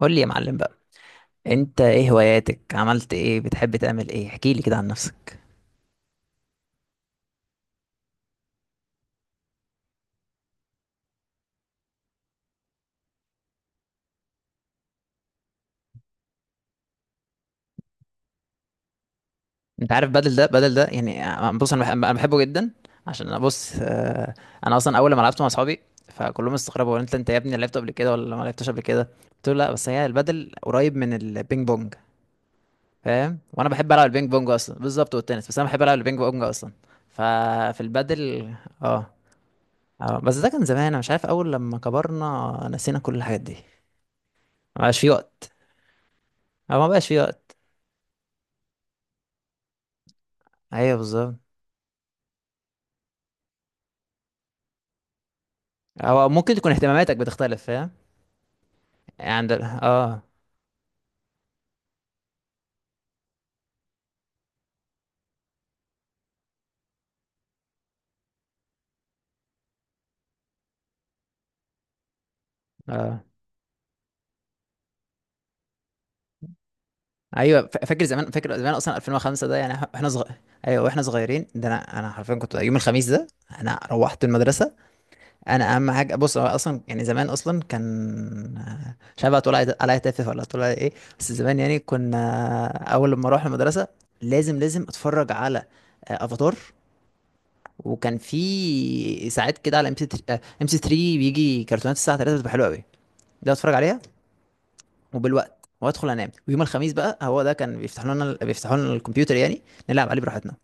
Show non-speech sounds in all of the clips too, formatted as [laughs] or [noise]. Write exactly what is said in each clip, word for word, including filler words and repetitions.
قول لي يا معلم بقى. انت ايه هواياتك؟ عملت ايه؟ بتحب تعمل ايه؟ احكي لي كده عن نفسك. انت عارف بدل ده بدل ده يعني، بص انا بح- انا بحبه جدا، عشان انا بص، آه، انا اصلا اول ما لعبت مع اصحابي فكلهم استغربوا، هو انت انت يا ابني لعبت قبل كده ولا ما لعبتش قبل كده؟ قلت له لا، بس هي البدل قريب من البينج بونج، فاهم؟ وانا بحب العب البينج بونج اصلا بالظبط، والتنس، بس انا بحب العب البينج بونج اصلا. ففي البدل. اه اه، بس ده كان زمان، انا مش عارف، اول لما كبرنا نسينا كل الحاجات دي، ما بقاش في وقت. اه، ما بقاش في وقت. ايوه بالظبط، او ممكن تكون اهتماماتك بتختلف، فاهم؟ يعني عند اه. اه ايوه، ف- فاكر زمان، فاكر زمان اصلا الفين وخمسة ده يعني احنا صغير. ايوه واحنا صغيرين ده، انا انا حرفيا كنت يوم الخميس ده، انا روحت المدرسه. انا اهم حاجه، بص، هو اصلا يعني زمان اصلا كان، مش عارف هتقول عليا عليا تافه ولا هتقول عليا ايه، بس زمان يعني كنا اول لما اروح المدرسه لازم لازم اتفرج على آه، افاتار. وكان في ساعات كده على ام سي، ام سي تلاتة، بيجي كرتونات الساعه تلاتة بتبقى حلوه قوي، ده اتفرج عليها، وبالوقت وادخل انام. ويوم الخميس بقى هو ده كان بيفتحوا لنا بيفتحوا لنا الكمبيوتر، يعني نلعب عليه براحتنا.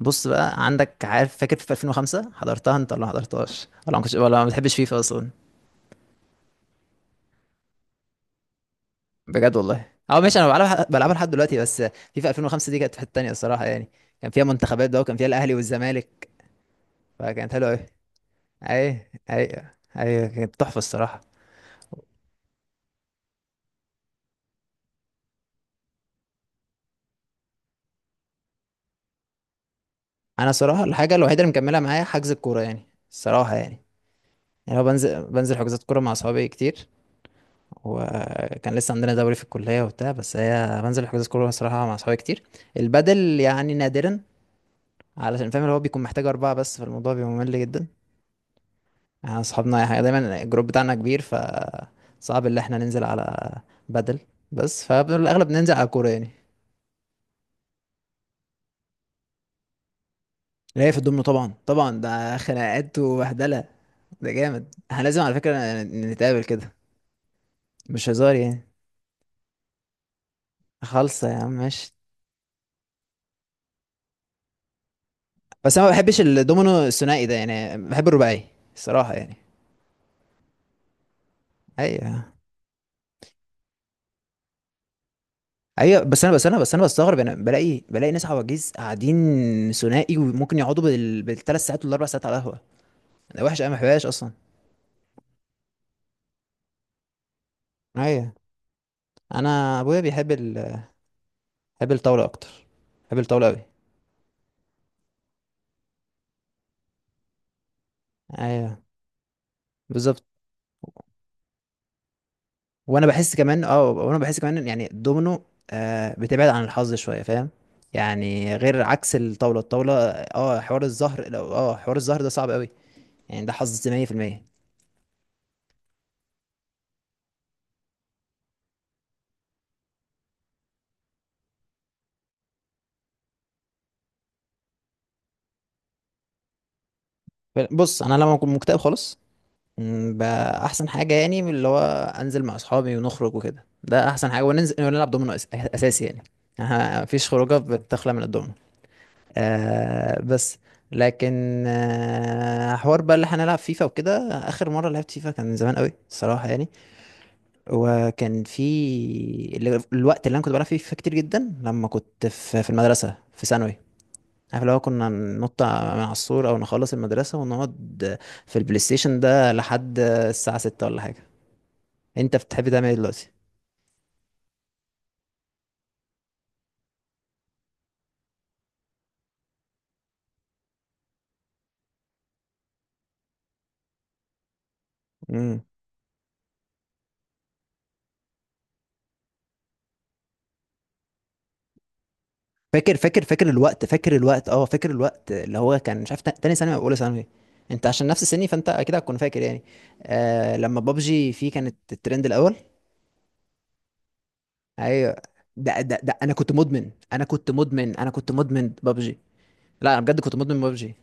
بص بقى عندك، عارف فاكر في الفين وخمسة، حضرتها انت ولا ما حضرتهاش ولا ما كنتش ولا ما بتحبش فيفا اصلا؟ بجد والله؟ اه ماشي، انا بلعبها، بلعبها لحد دلوقتي، بس فيفا الفين وخمسة دي كانت في حته تانيه الصراحه يعني، كان فيها منتخبات بقى وكان فيها الاهلي والزمالك، فكانت حلوه قوي. اي اي، اي كانت تحفه الصراحه. انا صراحه الحاجه الوحيده اللي مكمله معايا حجز الكوره يعني، الصراحه يعني. يعني هو بنزل بنزل حجوزات كوره مع اصحابي كتير، وكان لسه عندنا دوري في الكلية وبتاع، بس هي بنزل الحجوزات كورة صراحة مع صحابي كتير. البدل يعني نادرا، علشان فاهم اللي هو بيكون محتاج أربعة بس، فالموضوع بيبقى ممل جدا يعني. أصحابنا يعني دايما الجروب بتاعنا كبير، ف صعب اللي احنا ننزل على بدل، بس فالأغلب ننزل على كورة يعني. اللي هي في الضمن، طبعا طبعا، ده خناقات وبهدلة، ده جامد، احنا لازم على فكرة نتقابل كده، مش هزار يعني. خالصة يا عم، ماشي. بس انا ما بحبش الدومينو الثنائي ده، يعني بحب الرباعي الصراحة يعني. ايوه ايوه، بس انا بس انا بس انا بستغرب، انا بلاقي بلاقي ناس عواجيز قاعدين ثنائي وممكن يقعدوا بال... بالثلاث ساعات والاربع ساعات على القهوه، انا وحش، انا ما بحبهاش اصلا. ايوه انا ابويا بيحب ال... بيحب الطاوله اكتر، بيحب الطاوله قوي. ايوه بالظبط. وانا بحس كمان اه وانا بحس كمان إن يعني الدومينو، آه، بتبعد عن الحظ شويه، فاهم؟ يعني غير عكس الطاوله، الطاوله اه حوار الزهر لو اه حوار الزهر ده صعب قوي يعني، ده حظ مية في المية. بص، انا لما اكون مكتئب خالص، مم، بقى احسن حاجه يعني من اللي هو انزل مع اصحابي ونخرج وكده، ده احسن حاجه، وننزل ونلعب دومينو أس- اساسي يعني. آه، مفيش خروجه بتخلى من الدومينو. آه بس، لكن آه حوار بقى اللي هنلعب فيفا وكده، اخر مره لعبت فيفا كان من زمان قوي الصراحه يعني، وكان في ال- الوقت اللي انا كنت بلعب فيه فيفا كتير جدا لما كنت في في المدرسه في ثانوي، عارف لو كنا ننط من على السور او نخلص المدرسه ونقعد في البلاي ستيشن ده لحد الساعه ستة ولا حاجه. انت بتحب تعمل ايه دلوقتي؟ امم. فاكر فاكر فاكر الوقت فاكر الوقت اه فاكر الوقت اللي هو كان، مش عارف، تا- تاني ثانوي او اولى ثانوي، انت عشان نفس سني فانت اكيد هتكون فاكر يعني. آه لما بابجي فيه كانت الترند الاول. ايوه. ده ده ده انا كنت مدمن انا كنت مدمن انا كنت مدمن بابجي، لا انا بجد كنت مدمن بابجي.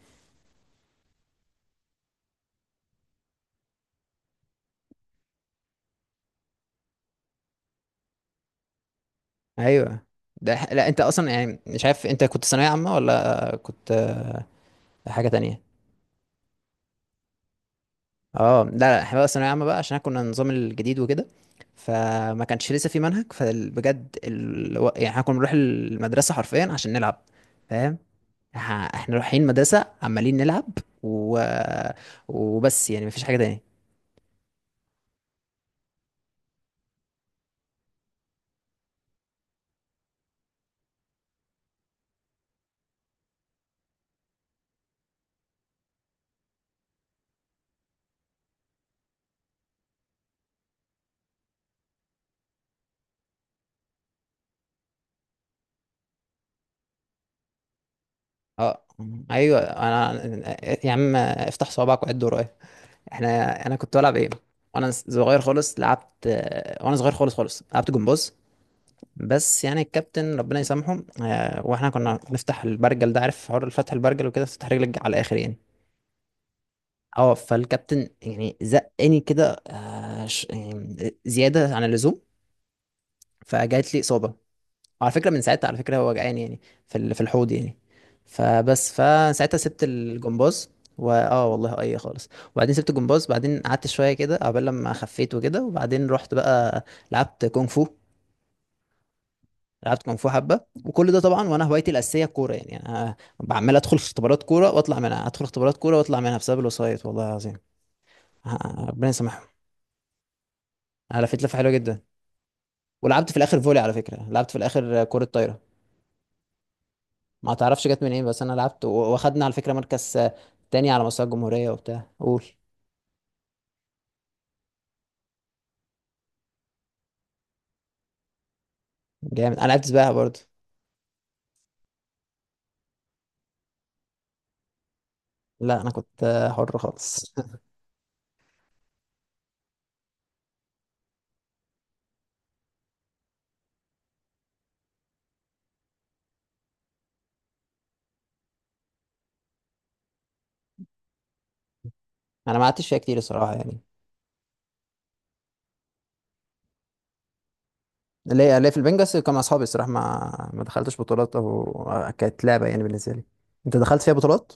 ايوه ده ح- لا، انت اصلا يعني مش عارف انت كنت ثانويه عامه ولا كنت آه، حاجه تانية؟ اه لا لا، احنا بقى ثانوية عامة بقى عشان كنا النظام الجديد وكده، فما كانش لسه في منهج، فبجد ال... و- يعني احنا كنا بنروح المدرسة حرفيا عشان نلعب، فاهم؟ ح- احنا رايحين مدرسة عمالين نلعب و... وبس، يعني مفيش حاجة تاني. اه ايوه انا، يا عم افتح صوابعك وعد ورايا. احنا، انا كنت بلعب ايه، وانا صغير خالص لعبت، وانا صغير خالص خالص لعبت جمباز، بس يعني الكابتن ربنا يسامحه، آه، واحنا كنا بنفتح البرجل ده، عارف حوار فتح البرجل وكده، تفتح رجلك على الاخر يعني، اه فالكابتن يعني زقني كده، آه، ش- يعني زياده عن اللزوم، فجات لي اصابه. وعلى فكره، من ساعتها على فكره هو وجعان يعني في ال- في الحوض يعني، فبس فساعتها سبت الجمباز. واه والله اي خالص. وبعدين سبت الجمباز، بعدين قعدت شويه كده قبل لما خفيت وكده، وبعدين رحت بقى لعبت كونغ فو لعبت كونغ فو حبه. وكل ده طبعا، وانا هوايتي الاساسيه الكوره يعني، انا بعمل ادخل في اختبارات كوره واطلع منها، ادخل اختبارات كوره واطلع منها بسبب الوسايط، والله العظيم، آه، ربنا يسامحهم. انا لفيت لفه حلوه جدا، ولعبت في الاخر فولي، على فكره لعبت في الاخر كره طايره، ما تعرفش جت من ايه، بس انا لعبت و- واخدنا على فكره مركز آه، تاني على مستوى الجمهوريه وبتاع، قول. جامد، انا لعبت سباحه برضه. لا انا كنت آه، حر خالص. [laughs] انا ما قعدتش فيها كتير الصراحه يعني. ليه ليه في البنجاس كان مع اصحابي الصراحه، ما ما دخلتش بطولات او، كانت لعبه يعني بالنسبه لي. انت دخلت فيها بطولات؟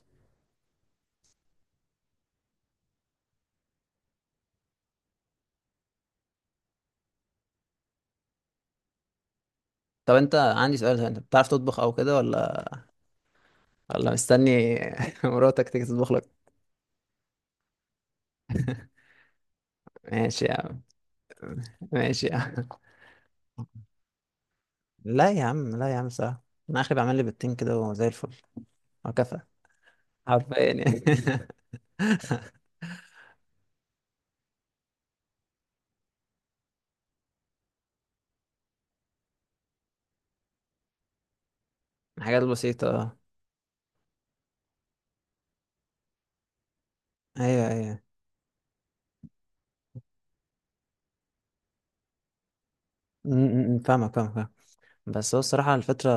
طب انت، عندي سؤال، انت بتعرف تطبخ او كده ولا، ولا مستني [laughs] مراتك تيجي تطبخ لك؟ ماشي يا عم ماشي يا عم. لا يا عم لا يا عم، صح، انا اخري بعمل لي بيضتين كده وزي الفل، وكفى. حرفيا يعني [laughs] الحاجات البسيطه. ايوه ايوه. م- م- م، فاهمك، فاهمك فاهمك. بس هو الصراحه، الفتره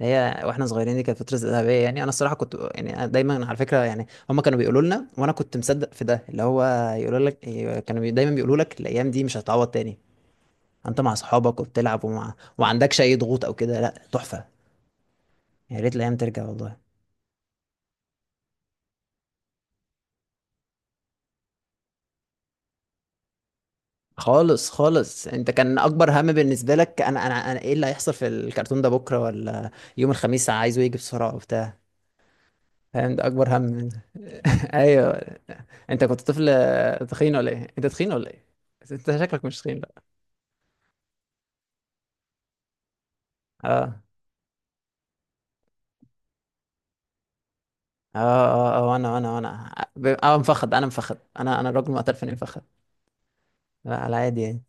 هي واحنا صغيرين دي كانت فتره ذهبيه يعني، انا الصراحه كنت يعني، أنا دايما على فكره يعني هم كانوا بيقولوا لنا وانا كنت مصدق في ده اللي هو، يقولوا لك إيه، كانوا بي- دايما بيقولوا لك الايام دي مش هتعوض تاني، انت مع اصحابك وبتلعب ومع وما عندكش اي ضغوط او كده، لا تحفه. يا ريت الايام ترجع والله. خالص خالص انت، كان اكبر هم بالنسبه لك، انا انا, أنا ايه اللي هيحصل في الكرتون ده بكره، ولا يوم الخميس عايزه يجي بسرعه وبتاع، فاهم؟ ده اكبر هم من- [laughs] ايوه. انت كنت طفل تخين ولا ايه؟ انت تخين ولا ايه بس انت شكلك مش تخين بقى. اه اه اه اه انا انا انا اه مفخد، انا مفخد انا انا الراجل معترف اني مفخد، لا على عادي يعني.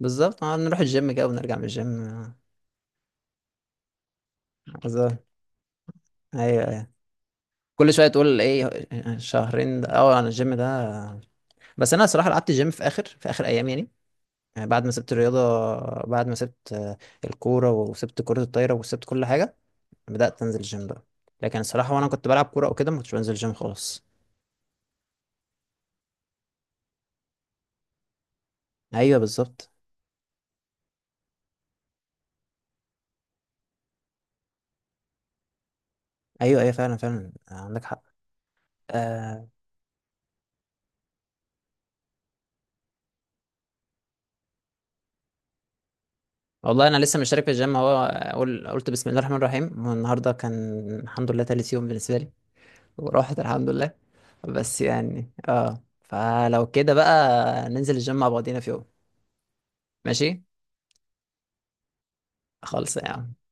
بالظبط آه، نروح الجيم كده ونرجع من الجيم آه، بالظبط. ايوه ايوه. كل شويه تقول ايه، شهرين ده؟ اه انا الجيم ده، بس انا صراحه قعدت الجيم في اخر، في اخر ايام يعني، يعني بعد ما سبت الرياضه، بعد ما سبت آه، الكوره وسبت كره الطايره وسبت كل حاجه، بدأت أنزل جيم بقى. لكن الصراحة وأنا كنت بلعب كورة أو كده، ما كنتش بنزل جيم خالص. أيوه بالظبط. أيوه أيوه، فعلا فعلا عندك حق. آه والله أنا لسه مشترك في الجيم، هو أقول قلت بسم الله الرحمن الرحيم، والنهاردة كان الحمد لله تالت يوم بالنسبة لي، وراحت الحمد لله، بس يعني اه فلو كده بقى ننزل الجيم مع بعضينا في يوم. ماشي. خالص يا عم.